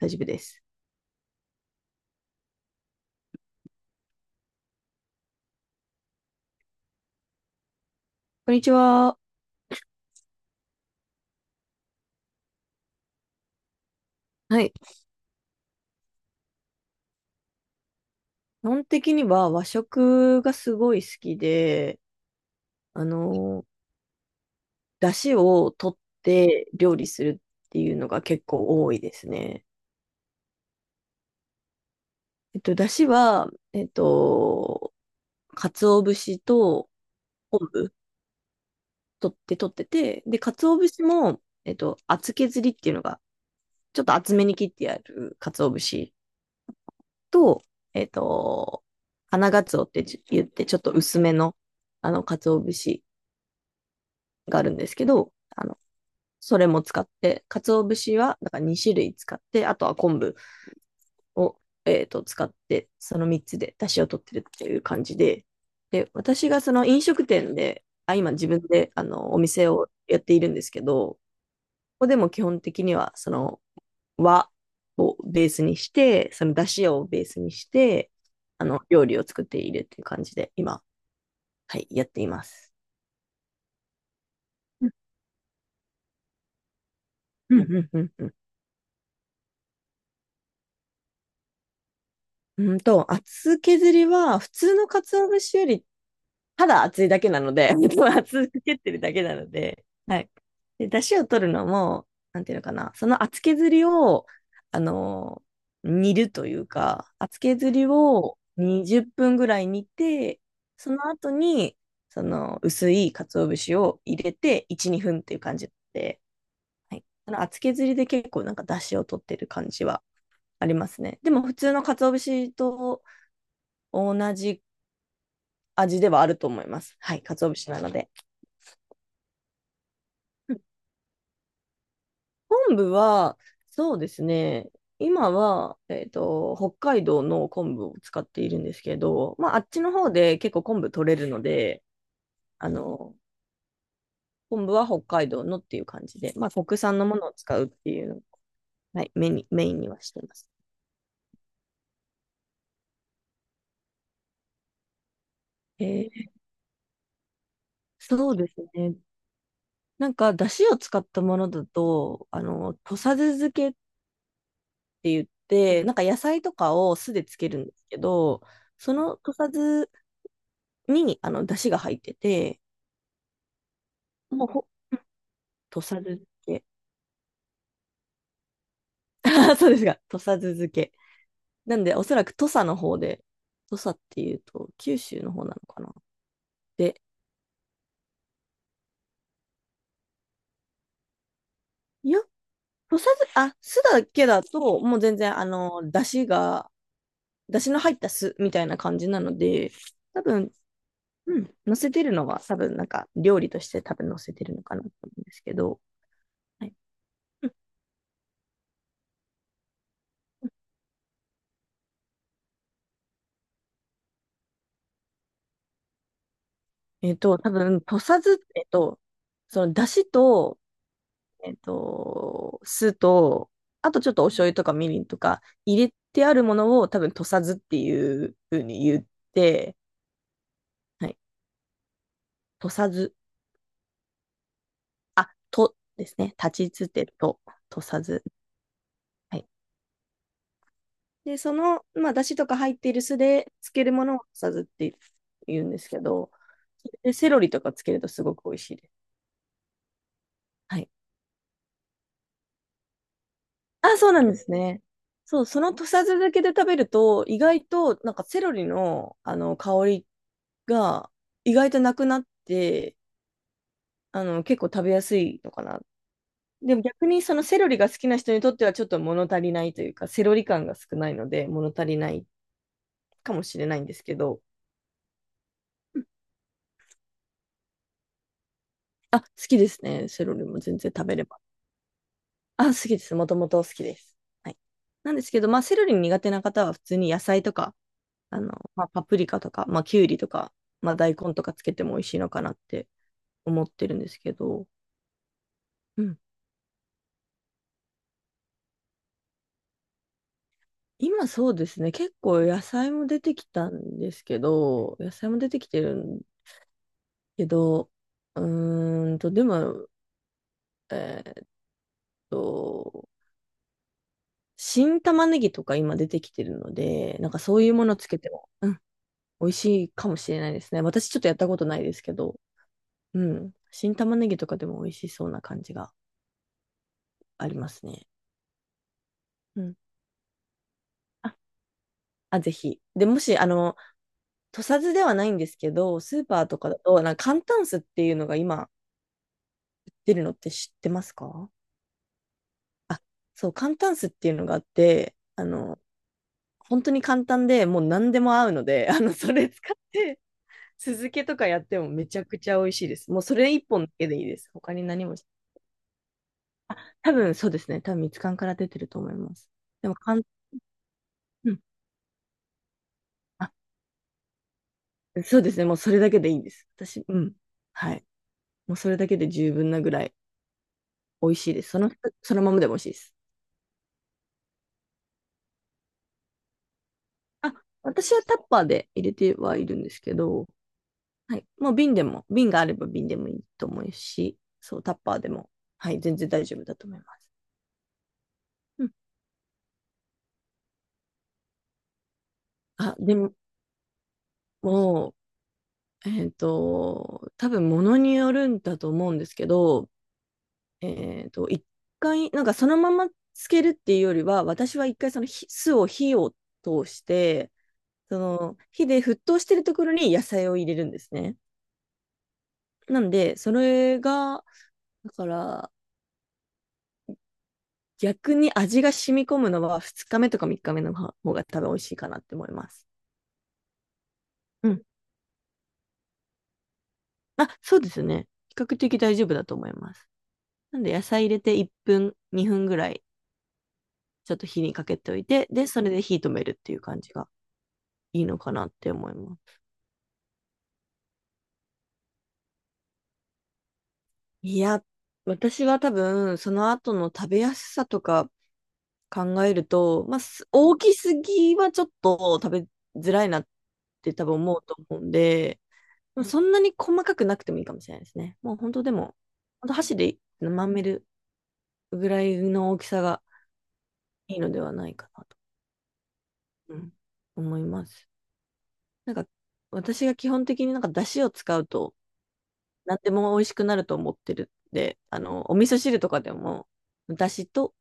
大丈夫です。こんにちは。はい。基本的には和食がすごい好きで、あの、出汁を取って料理するっていうのが結構多いですね。出汁は、鰹節と昆布取ってて、で、鰹節も、厚削りっていうのが、ちょっと厚めに切ってある鰹節と、えっと、花鰹って言って、ちょっと薄めの、鰹節があるんですけど、それも使って、鰹節は、だから2種類使って、あとは昆布を、使って、その3つで出汁を取ってるっていう感じで、で、私がその飲食店で、あ、今自分で、お店をやっているんですけど、ここでも基本的には、その、和をベースにして、その出汁をベースにして、料理を作っているっていう感じで、今、はい、やっています。うん、うん、うん、うん。うんと、厚削りは、普通の鰹節より、ただ厚いだけなので、厚く削ってるだけなので、はい。で、出汁を取るのも、なんていうのかな、その厚削りを、あのー煮るというか、厚削りを20分ぐらい煮て、その後に、その薄い鰹節を入れて、1、2分っていう感じで、はい。あの厚削りで結構なんか出汁を取ってる感じはありますね。でも普通の鰹節と、同じ味ではあると思います。はい、鰹節なので。昆布は、そうですね、今は、北海道の昆布を使っているんですけど、まあ、あっちの方で結構昆布取れるので、あの、昆布は北海道のっていう感じで、まあ、国産のものを使うっていうのを、はい、メインにはしてます。えーそうですね。なんか、だしを使ったものだと、土佐酢漬けっって言って、なんか野菜とかを酢でつけるんですけど、その土佐酢に、出汁が入ってて、もうほ、土佐酢漬け。そうですが、土佐酢漬け。なんで、おそらく土佐の方で、土佐っていうと、九州の方なのかな。で、いや、土佐酢、あ、酢だけだと、もう全然、出汁が、出汁の入った酢みたいな感じなので、多分、うん、乗せてるのは、多分、なんか、料理として多分乗せてるのかなと思うんですけど、はい。多分、とさず、その、だしと、酢と、あとちょっとお醤油とかみりんとか入れてあるものを多分、とさずっていうふうに言って、はい、とさず、とですね、立ちつてと、とさず。はい。で、その、まあ、だしとか入っている酢で漬けるものをとさずって言うんですけど、で、セロリとかつけるとすごく美味しいです。はいあ、そうなんですね。そう、その土佐酢漬けで食べると、意外と、なんかセロリの、香りが、意外となくなって、結構食べやすいのかな。でも逆にそのセロリが好きな人にとってはちょっと物足りないというか、セロリ感が少ないので物足りないかもしれないんですけど、うんあ、好きですね。セロリも全然食べれば。あ、好きです。もともと好きです。はい。なんですけど、まあ、セロリ苦手な方は普通に野菜とかまあ、パプリカとか、まあ、きゅうりとか、まあ、大根とかつけても美味しいのかなって思ってるんですけど、うん。今そうですね、結構野菜も出てきたんですけど、野菜も出てきてるんけど、うーんと、でも、えーっと、新玉ねぎとか今出てきてるので、なんかそういうものつけても、うん、美味しいかもしれないですね。私ちょっとやったことないですけど、うん、新玉ねぎとかでも美味しそうな感じがありますね。うん。ああ、ぜひ。で、もし、土佐酢ではないんですけど、スーパーとかだと、なんか簡単酢っていうのが今出るのって知ってますか？そう、簡単酢っていうのがあって、本当に簡単でもう何でも合うので、それ使って、酢漬けとかやってもめちゃくちゃ美味しいです。もうそれ一本だけでいいです。他に何もし。多分そうですね。多分蜜柑から出てると思います。でも、かん、うん。あ、そうですね。もうそれだけでいいんです。私、うん。はい。もうそれだけで十分なぐらい。美味しいです。その、そのままでも美味しいです。あ、私はタッパーで入れてはいるんですけど、はい。もう瓶でも、瓶があれば瓶でもいいと思うし、そう、タッパーでも、はい、全然大丈夫だと思います。うん。あ、でも、もう、多分物によるんだと思うんですけど、一回、なんかそのままつけるっていうよりは、私は一回その火酢を火を通して、その火で沸騰してるところに野菜を入れるんですね。なんで、それが、だから、逆に味が染み込むのは2日目とか3日目の方が多分美味しいかなって思います。うん。あ、そうですね。比較的大丈夫だと思います。なんで、野菜入れて1分、2分ぐらい、ちょっと火にかけておいて、で、それで火止めるっていう感じがいいのかなって思います。いや、私は多分、その後の食べやすさとか考えると、まあ、大きすぎはちょっと食べづらいなって多分思うと思うんで、もそんなに細かくなくてもいいかもしれないですね。もう本当でも、本当箸でまめるぐらいの大きさがいいのではないかなと、うん思います。なんか私が基本的になんか出汁を使うと何でも美味しくなると思ってるんで、お味噌汁とかでも出汁と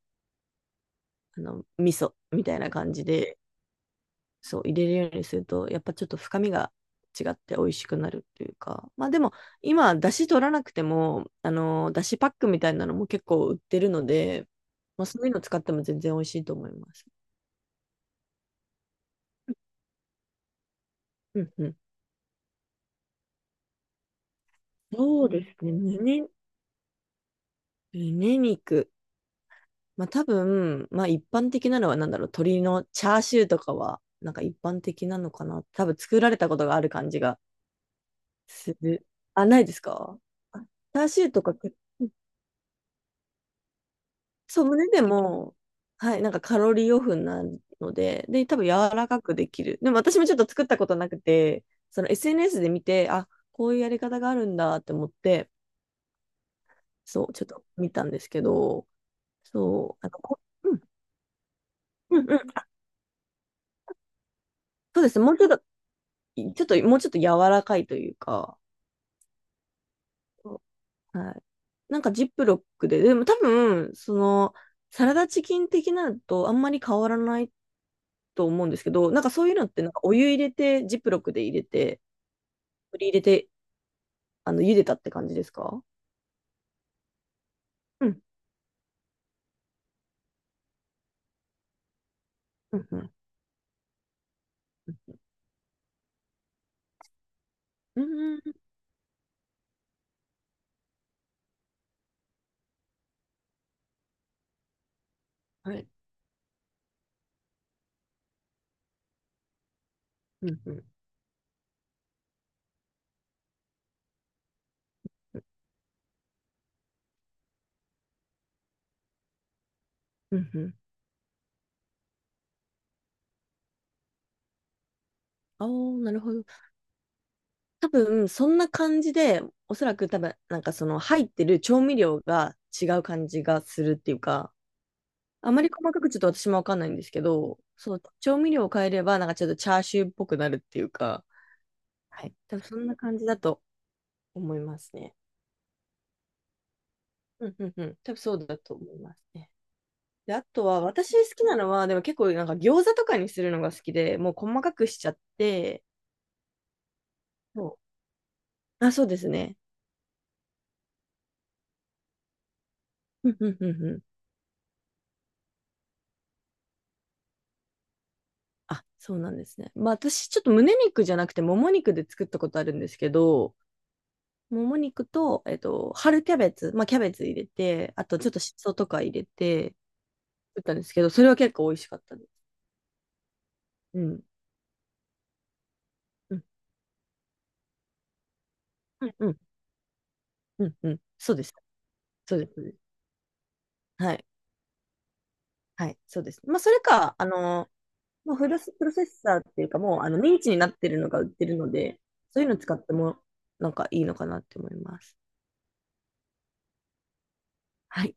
味噌みたいな感じでそう、入れるようにすると、やっぱちょっと深みが違って美味しくなるっていうか、まあでも、今、だし取らなくても、だしパックみたいなのも結構売ってるので、まあそういうの使っても全然美味しいと思います。うんうん。そうですね。胸、胸肉。まあ多分、まあ一般的なのはなんだろう、鶏のチャーシューとかは、なんか一般的なのかな。多分作られたことがある感じがする。あ、ないですか？あチャーシューとか、そう、胸でも、はい、なんかカロリーオフになるので、で、多分柔らかくできる。でも私もちょっと作ったことなくて、その SNS で見て、あ、こういうやり方があるんだって思って、そう、ちょっと見たんですけど、そう、こうん、うん、うん、そうです。もうちょっと、ちょっと、もうちょっと柔らかいというか、そうはい。なんかジップロックで、でも多分、その、サラダチキン的なのとあんまり変わらないと思うんですけど、なんかそういうのってなんかお湯入れて、ジップロックで入れて、取り入れて、茹でたって感じですか？うんうんうんうんうんはい。うんうんうんうん。ああ、なるほど。多分、そんな感じで、おそらく多分、なんかその入ってる調味料が違う感じがするっていうか、あまり細かくちょっと私もわかんないんですけど、そう、調味料を変えれば、なんかちょっとチャーシューっぽくなるっていうか、はい。多分そんな感じだと思いますね。うんうんうん。多分そうだと思いますね。で、あとは、私好きなのは、でも結構なんか餃子とかにするのが好きで、もう細かくしちゃって、そう。あ、そうですね。うんうんうんうん。あ、そうなんですね。まあ私、ちょっと胸肉じゃなくて、もも肉で作ったことあるんですけど、もも肉と、春キャベツ、まあキャベツ入れて、あとちょっとしそとか入れて、作ったんですけど、それは結構美味しかったです。うん。うん。うん。うん。うん。うんそうです。そうです。そうですはい。はい。そうです。まあそれか、もうフルス、プロセッサーっていうか、もうあのミンチになってるのが売ってるので、そういうの使ってもなんかいいのかなって思います。はい。